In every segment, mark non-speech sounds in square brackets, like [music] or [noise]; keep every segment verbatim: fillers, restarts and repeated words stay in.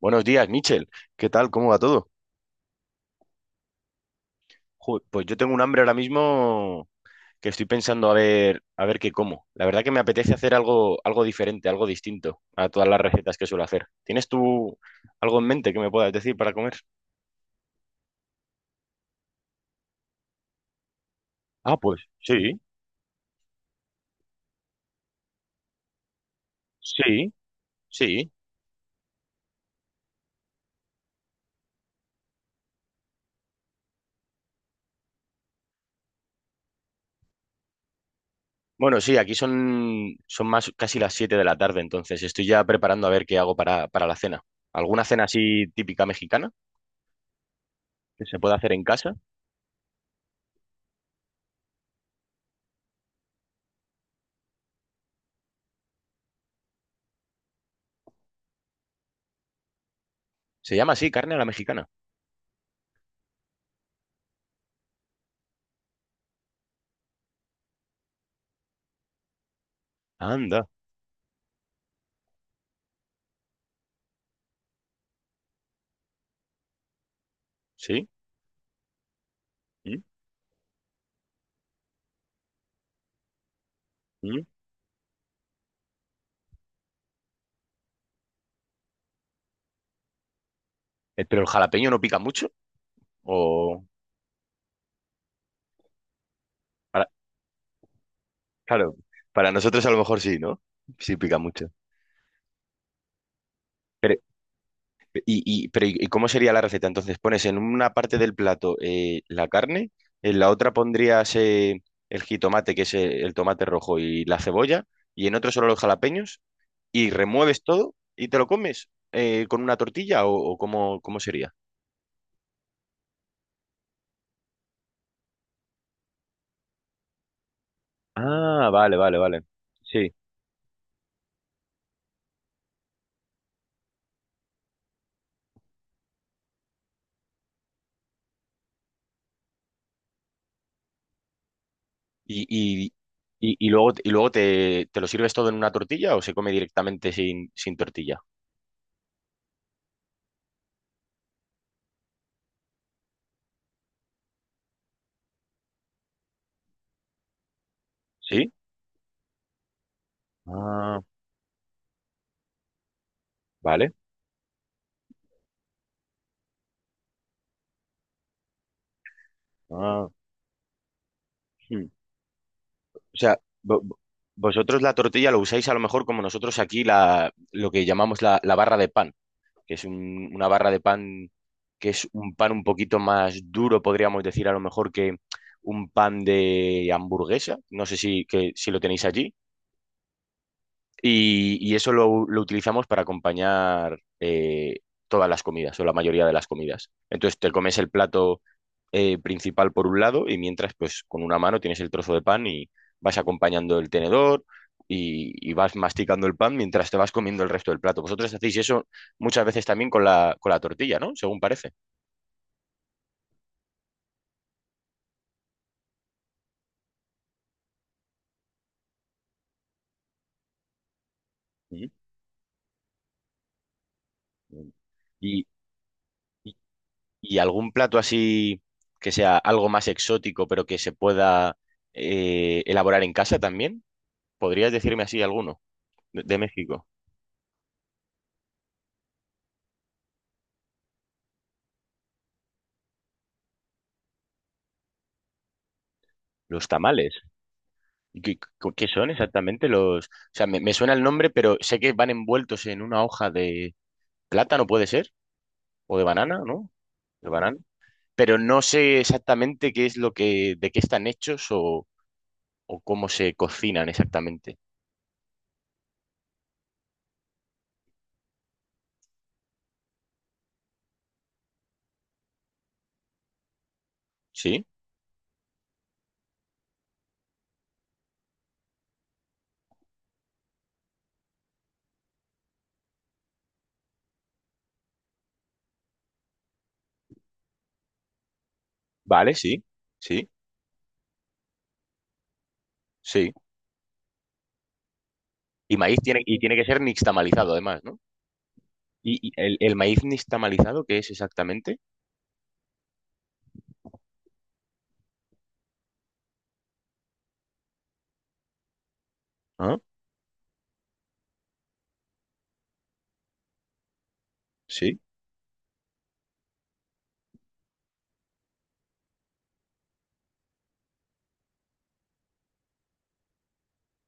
Buenos días, Michel. ¿Qué tal? ¿Cómo va todo? Ju- Pues yo tengo un hambre ahora mismo que estoy pensando a ver, a ver qué como. La verdad que me apetece hacer algo, algo diferente, algo distinto a todas las recetas que suelo hacer. ¿Tienes tú algo en mente que me puedas decir para comer? Ah, pues sí, sí, sí. Bueno, sí, aquí son, son más casi las siete de la tarde, entonces estoy ya preparando a ver qué hago para, para la cena. ¿Alguna cena así típica mexicana que se pueda hacer en casa? Se llama así, carne a la mexicana. Anda, sí. ¿Mm? Eh, Pero el jalapeño no pica mucho, o para- claro, para nosotros a lo mejor sí, ¿no? Sí pica mucho. Pero, y, y- pero, ¿y cómo sería la receta? Entonces pones en una parte del plato eh, la carne, en la otra pondrías eh, el jitomate, que es eh, el tomate rojo, y la cebolla, y en otro solo los jalapeños, y remueves todo y te lo comes eh, con una tortilla o, o cómo, cómo sería. Ah, vale, vale, vale. Sí. ¿Y, y, y, y luego, y luego te, te lo sirves todo en una tortilla o se come directamente sin, sin tortilla? ¿Sí? Ah, vale. Ah, hmm. O sea, vo- vo- vosotros la tortilla lo usáis a lo mejor como nosotros aquí la, lo que llamamos la, la barra de pan, que es un- una barra de pan que es un pan un poquito más duro, podríamos decir a lo mejor que un pan de hamburguesa. No sé si, que, si lo tenéis allí. Y, y eso lo, lo utilizamos para acompañar eh, todas las comidas o la mayoría de las comidas. Entonces te comes el plato eh, principal por un lado y mientras pues con una mano tienes el trozo de pan y vas acompañando el tenedor y, y vas masticando el pan mientras te vas comiendo el resto del plato. Vosotros hacéis eso muchas veces también con la, con la tortilla, ¿no? Según parece. Sí. Y, y- y algún plato así que sea algo más exótico pero que se pueda eh, elaborar en casa también? ¿Podrías decirme así alguno de, de México? Los tamales. ¿Y ¿Qué, cu- qué son exactamente los...? O sea, me, me suena el nombre, pero sé que van envueltos en una hoja de plátano, puede ser, o de banana, ¿no? De banana. Pero no sé exactamente qué es lo que, de qué están hechos o, o cómo se cocinan exactamente. ¿Sí? Vale, sí, sí, sí. Y maíz tiene, y tiene que ser nixtamalizado, además, ¿no? ¿Y, y el, el maíz nixtamalizado qué es exactamente? Ah, sí.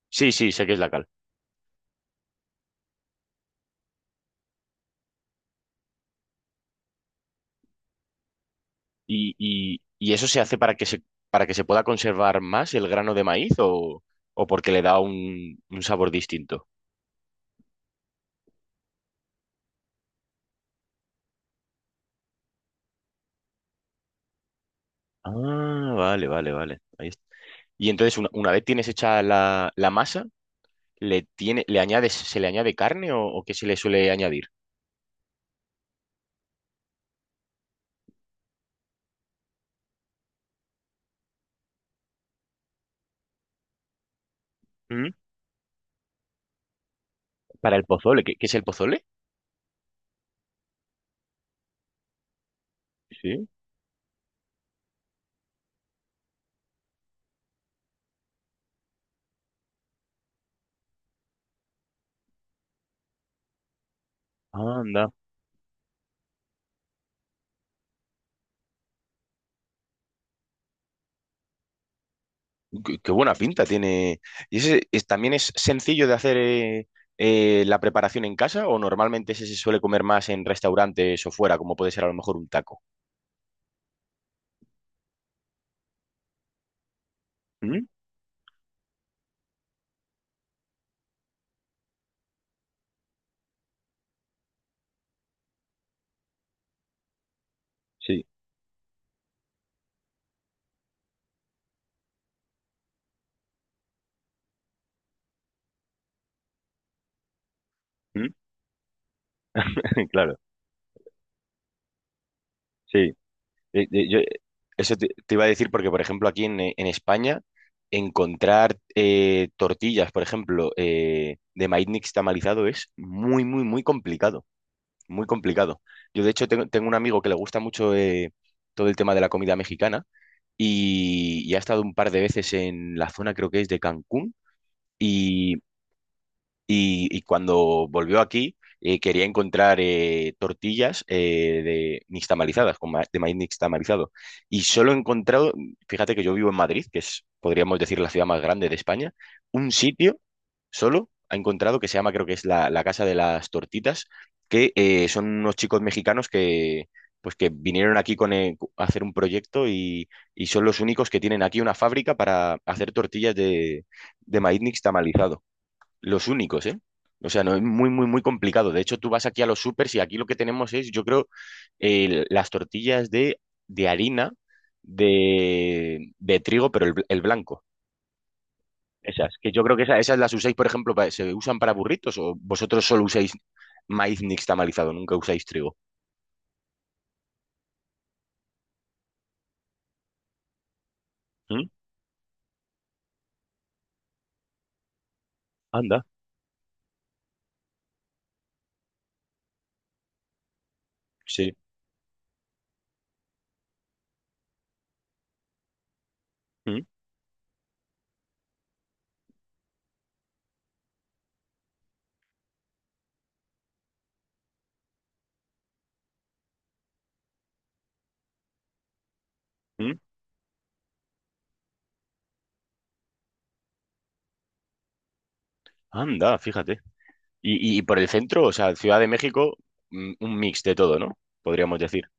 Sí, sí, sé que es la cal. ¿Y, y- y eso se hace para que se, para que se pueda conservar más el grano de maíz o, o porque le da un, un sabor distinto? Ah, vale, vale, vale. Ahí está. Y entonces, una, una vez tienes hecha la, la masa, ¿le tiene, le añades, se le añade carne o, o qué se le suele añadir? ¿Mm? Para el pozole, ¿qué, qué es el pozole? Sí. Anda. Qué qué buena pinta tiene. ¿Y ese es, también es sencillo de hacer eh, eh, la preparación en casa o normalmente ese se suele comer más en restaurantes o fuera, como puede ser a lo mejor un taco? ¿Mm? Sí. ¿Mm? [laughs] claro, sí. Eh, eh, yo, eh, eso te, te iba a decir porque, por ejemplo, aquí en, eh, en España, encontrar eh, tortillas, por ejemplo, eh, de maíz nixtamalizado es muy, muy, muy complicado. Muy complicado. Yo, de hecho, tengo, tengo un amigo que le gusta mucho eh, todo el tema de la comida mexicana y, y ha estado un par de veces en la zona, creo que es de Cancún. Y y, y cuando volvió aquí eh, quería encontrar eh, tortillas eh, de nixtamalizadas, con ma- de maíz nixtamalizado. Y solo he encontrado, fíjate que yo vivo en Madrid, que es, podríamos decir, la ciudad más grande de España, un sitio solo ha encontrado que se llama, creo que es la, la Casa de las Tortitas, que eh, son unos chicos mexicanos que... Pues que vinieron aquí con, eh, a hacer un proyecto y, y son los únicos que tienen aquí una fábrica para hacer tortillas de, de maíz nixtamalizado. Los únicos, ¿eh? O sea, no es muy, muy, muy complicado. De hecho, tú vas aquí a los supers y aquí lo que tenemos es, yo creo, eh, las tortillas de, de harina de, de trigo, pero el, bl- el blanco. Esas, que yo creo que esa- esas, las usáis, por ejemplo, pa- ¿se usan para burritos o vosotros solo usáis maíz nixtamalizado, nunca usáis trigo? ¿Mm? Anda, sí. ¿Mm? ¿Mm? Anda, fíjate. Y, y por el centro, o sea, Ciudad de México, mm, un mix de todo, ¿no? Podríamos decir.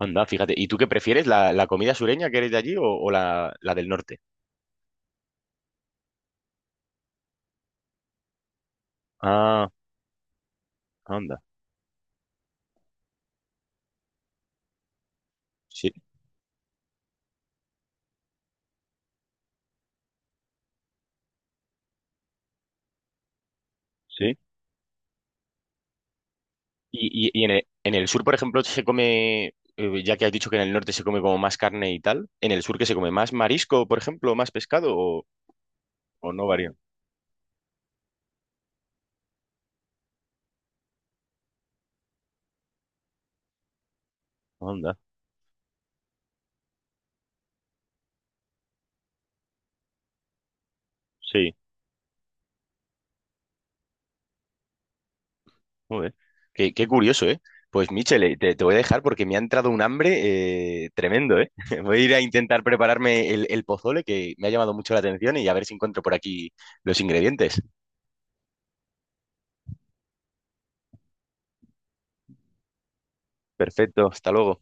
Anda, fíjate. ¿Y tú qué prefieres? ¿La, la comida sureña que eres de allí o, o la, la del norte? Ah, anda. Sí, sí. ¿Y, y- y en el, en el sur, por ejemplo, se come, eh, ya que has dicho que en el norte se come como más carne y tal, ¿en el sur que se come más marisco, por ejemplo, más pescado o, o no varía? Anda, sí. Joder. Qué, qué curioso, ¿eh? Pues Michele, te, te voy a dejar porque me ha entrado un hambre eh, tremendo, ¿eh? [laughs] Voy a ir a intentar prepararme el, el pozole que me ha llamado mucho la atención y a ver si encuentro por aquí los ingredientes. Perfecto, hasta luego.